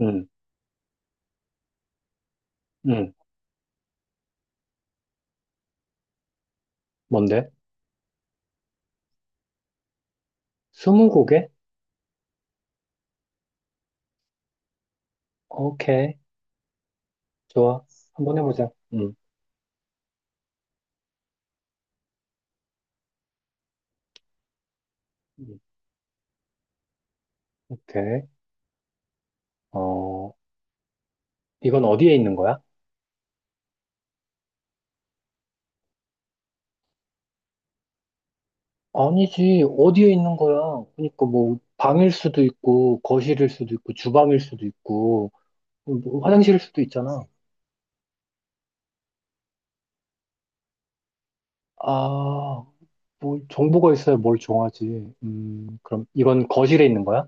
음, 음. 뭔데? 스무고개? 오케이. 좋아. 한번 해보자. 음. 오케이. 어, 이건 어디에 있는 거야? 아니지. 어디에 있는 거야? 그러니까 뭐, 방일 수도 있고, 거실일 수도 있고, 주방일 수도 있고, 뭐 화장실일 수도 있잖아. 아, 뭐, 정보가 있어야 뭘 정하지. 그럼 이건 거실에 있는 거야?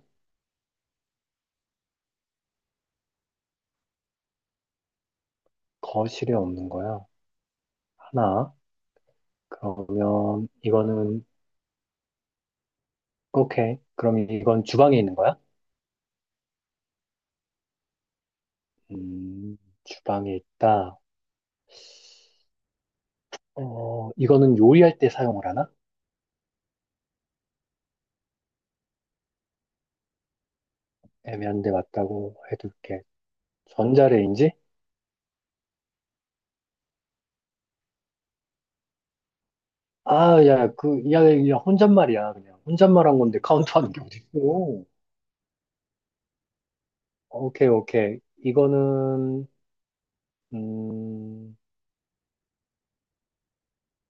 거실에 없는 거야. 하나. 그러면 이거는, 오케이. 그럼 이건 주방에 있는 거야? 음, 주방에 있다. 이거는 요리할 때 사용을 하나? 애매한데 맞다고 해둘게. 전자레인지? 아, 야, 야, 야, 혼잣말이야, 그냥. 혼잣말한 건데 카운트하는 게 어딨어. 오케이, 오케이. 이거는, 음,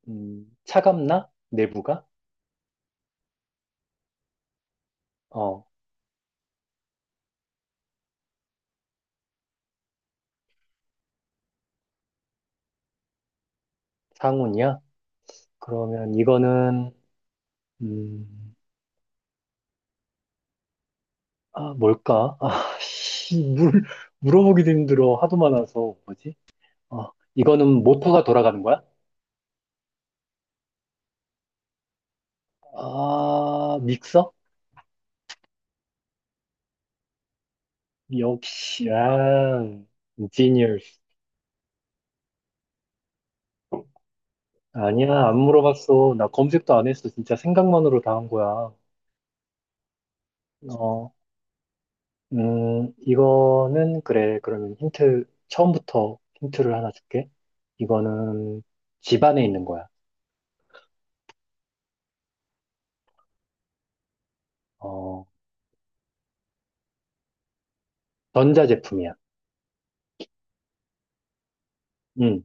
차갑나? 내부가? 어, 상온이야? 그러면 이거는, 음, 아, 뭘까? 아, 씨, 물어보기도 힘들어. 하도 많아서. 뭐지? 어, 이거는 모터가 돌아가는 거야? 아, 믹서? 역시, 아, genius. 아니야, 안 물어봤어. 나 검색도 안 했어. 진짜 생각만으로 다 한 거야. 어, 이거는, 그래. 그러면 힌트, 처음부터 힌트를 하나 줄게. 이거는 집 안에 있는 거야. 어, 전자제품이야. 응.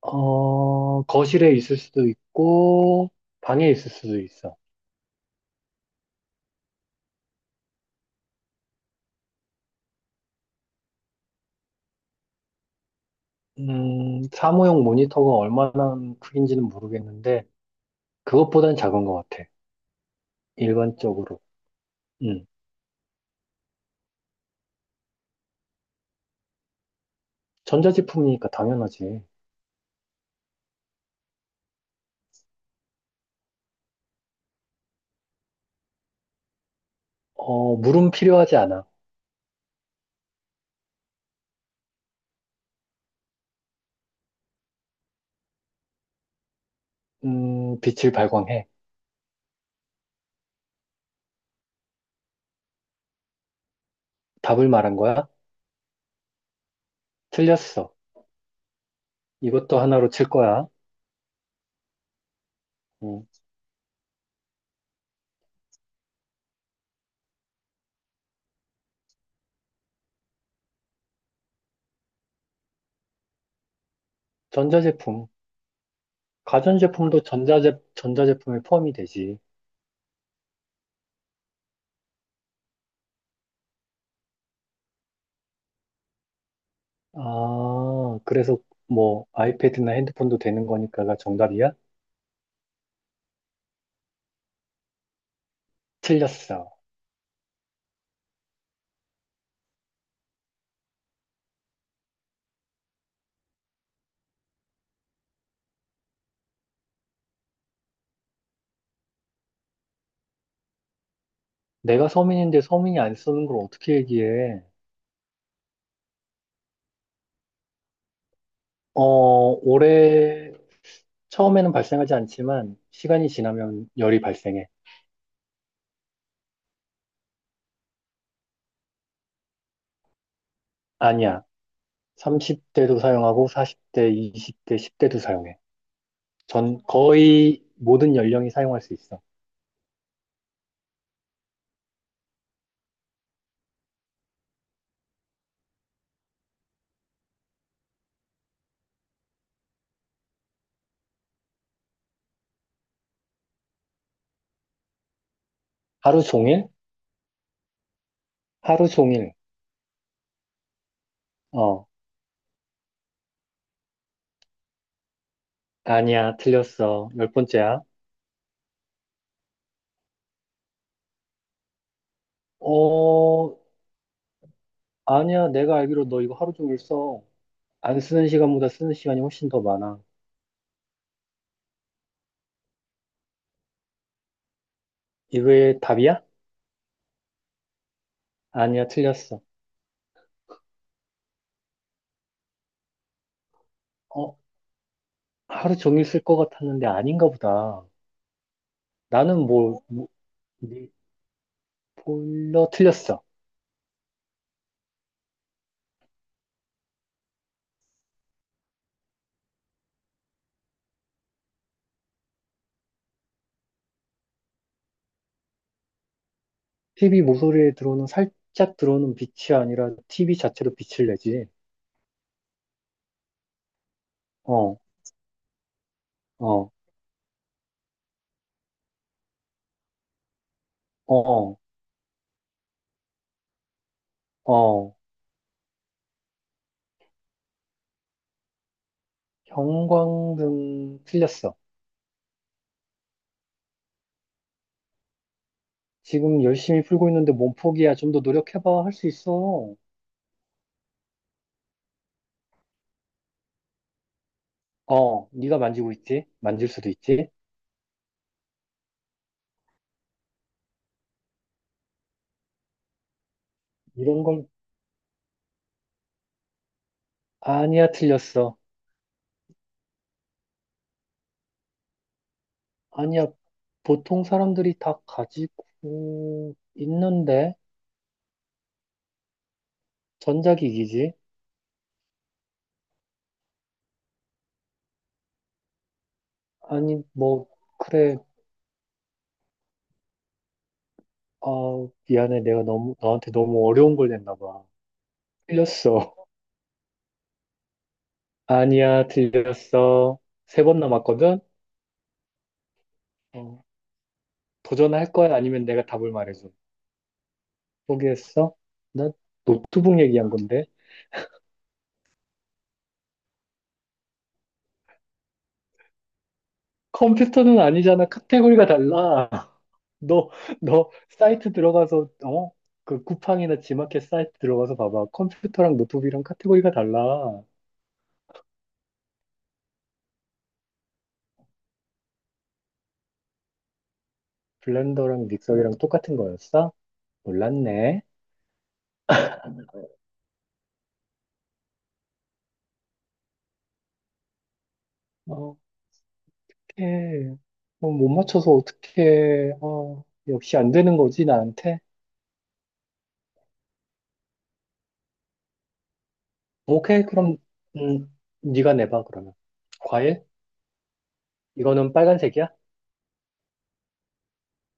거실에 있을 수도 있고, 방에 있을 수도 있어. 사무용 모니터가 얼마나 크긴지는 모르겠는데, 그것보단 작은 것 같아. 일반적으로. 음. 전자제품이니까 당연하지. 물음 필요하지 않아. 빛을 발광해. 답을 말한 거야? 틀렸어. 이것도 하나로 칠 거야. 음. 전자제품. 가전제품도 전자제품에 포함이 되지. 아, 그래서 뭐 아이패드나 핸드폰도 되는 거니까가 정답이야? 틀렸어. 내가 서민인데 서민이 안 쓰는 걸 어떻게 얘기해? 어, 올해 처음에는 발생하지 않지만 시간이 지나면 열이 발생해. 아니야. 30대도 사용하고 40대, 20대, 10대도 사용해. 전 거의 모든 연령이 사용할 수 있어. 하루 종일? 하루 종일. 어, 아니야. 틀렸어. 열 번째야. 어, 아니야. 내가 알기로 너 이거 하루 종일 써. 안 쓰는 시간보다 쓰는 시간이 훨씬 더 많아. 이거의 답이야? 아니야. 틀렸어. 어, 하루 종일 쓸 것 같았는데 아닌가 보다. 나는 뭐, 니 보일러 틀렸어. TV 모서리에 들어오는 살짝 들어오는 빛이 아니라 TV 자체로 빛을 내지. 어, 어, 어, 어. 형광등 틀렸어. 지금 열심히 풀고 있는데 몸 포기야. 좀 더 노력해봐. 할 수 있어. 네가 만지고 있지? 만질 수도 있지? 이런 걸, 아니야, 틀렸어. 아니야. 보통 사람들이 다 가지고 있는데 전자기기지? 아니 뭐 그래. 미안해. 내가 너무, 너한테 너무 어려운 걸 냈나 봐. 틀렸어. 아니야, 틀렸어. 세 번 남았거든? 어, 도전할 거야? 아니면 내가 답을 말해줘. 포기했어? 나 노트북 얘기한 건데. 컴퓨터는 아니잖아. 카테고리가 달라. 너, 너 사이트 들어가서, 어? 그 쿠팡이나 지마켓 사이트 들어가서 봐봐. 컴퓨터랑 노트북이랑 카테고리가 달라. 블렌더랑 믹서기랑 똑같은 거였어? 몰랐네. 어, 예, 못 맞춰서 어떻게, 역시 안 되는 거지, 나한테? 오케이, 그럼, 음, 네가 내봐, 그러면. 과일? 이거는 빨간색이야?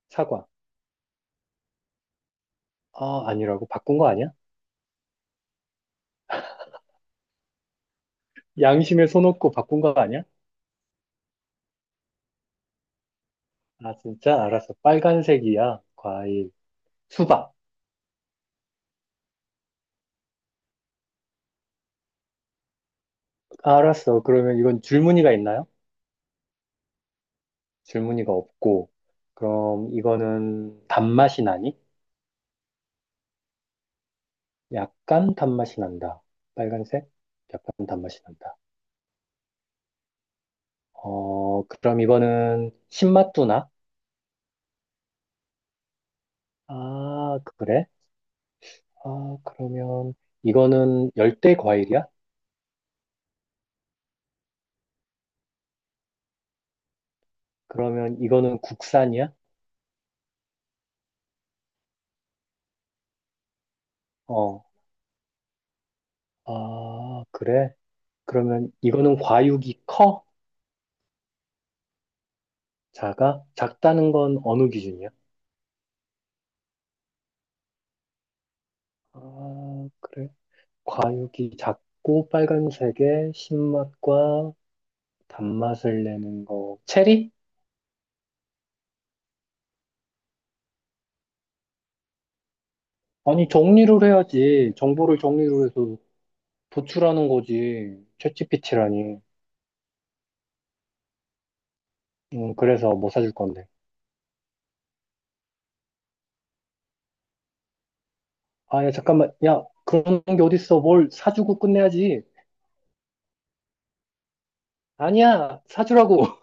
사과. 아, 아니라고. 바꾼 거 아니야? 양심에 손 얹고 바꾼 거 아니야? 아, 진짜? 알았어. 빨간색이야. 과일. 수박. 아, 알았어. 그러면 이건 줄무늬가 있나요? 줄무늬가 없고. 그럼 이거는 단맛이 나니? 약간 단맛이 난다. 빨간색? 약간 단맛이 난다. 그럼 이거는 신맛두나? 아, 그래? 아, 그러면 이거는 열대 과일이야? 그러면 이거는 국산이야? 어, 아, 그래? 그러면 이거는 과육이 커? 작아? 작다는 건 어느 기준이야? 아, 그래? 과육이 작고 빨간색에 신맛과 단맛을 내는 거. 체리? 아니, 정리를 해야지. 정보를 정리를 해서 도출하는 거지. 챗GPT라니. 그래서 못 사줄 건데. 아, 야, 잠깐만. 야, 그런 게 어딨어. 뭘 사주고 끝내야지. 아니야, 사주라고.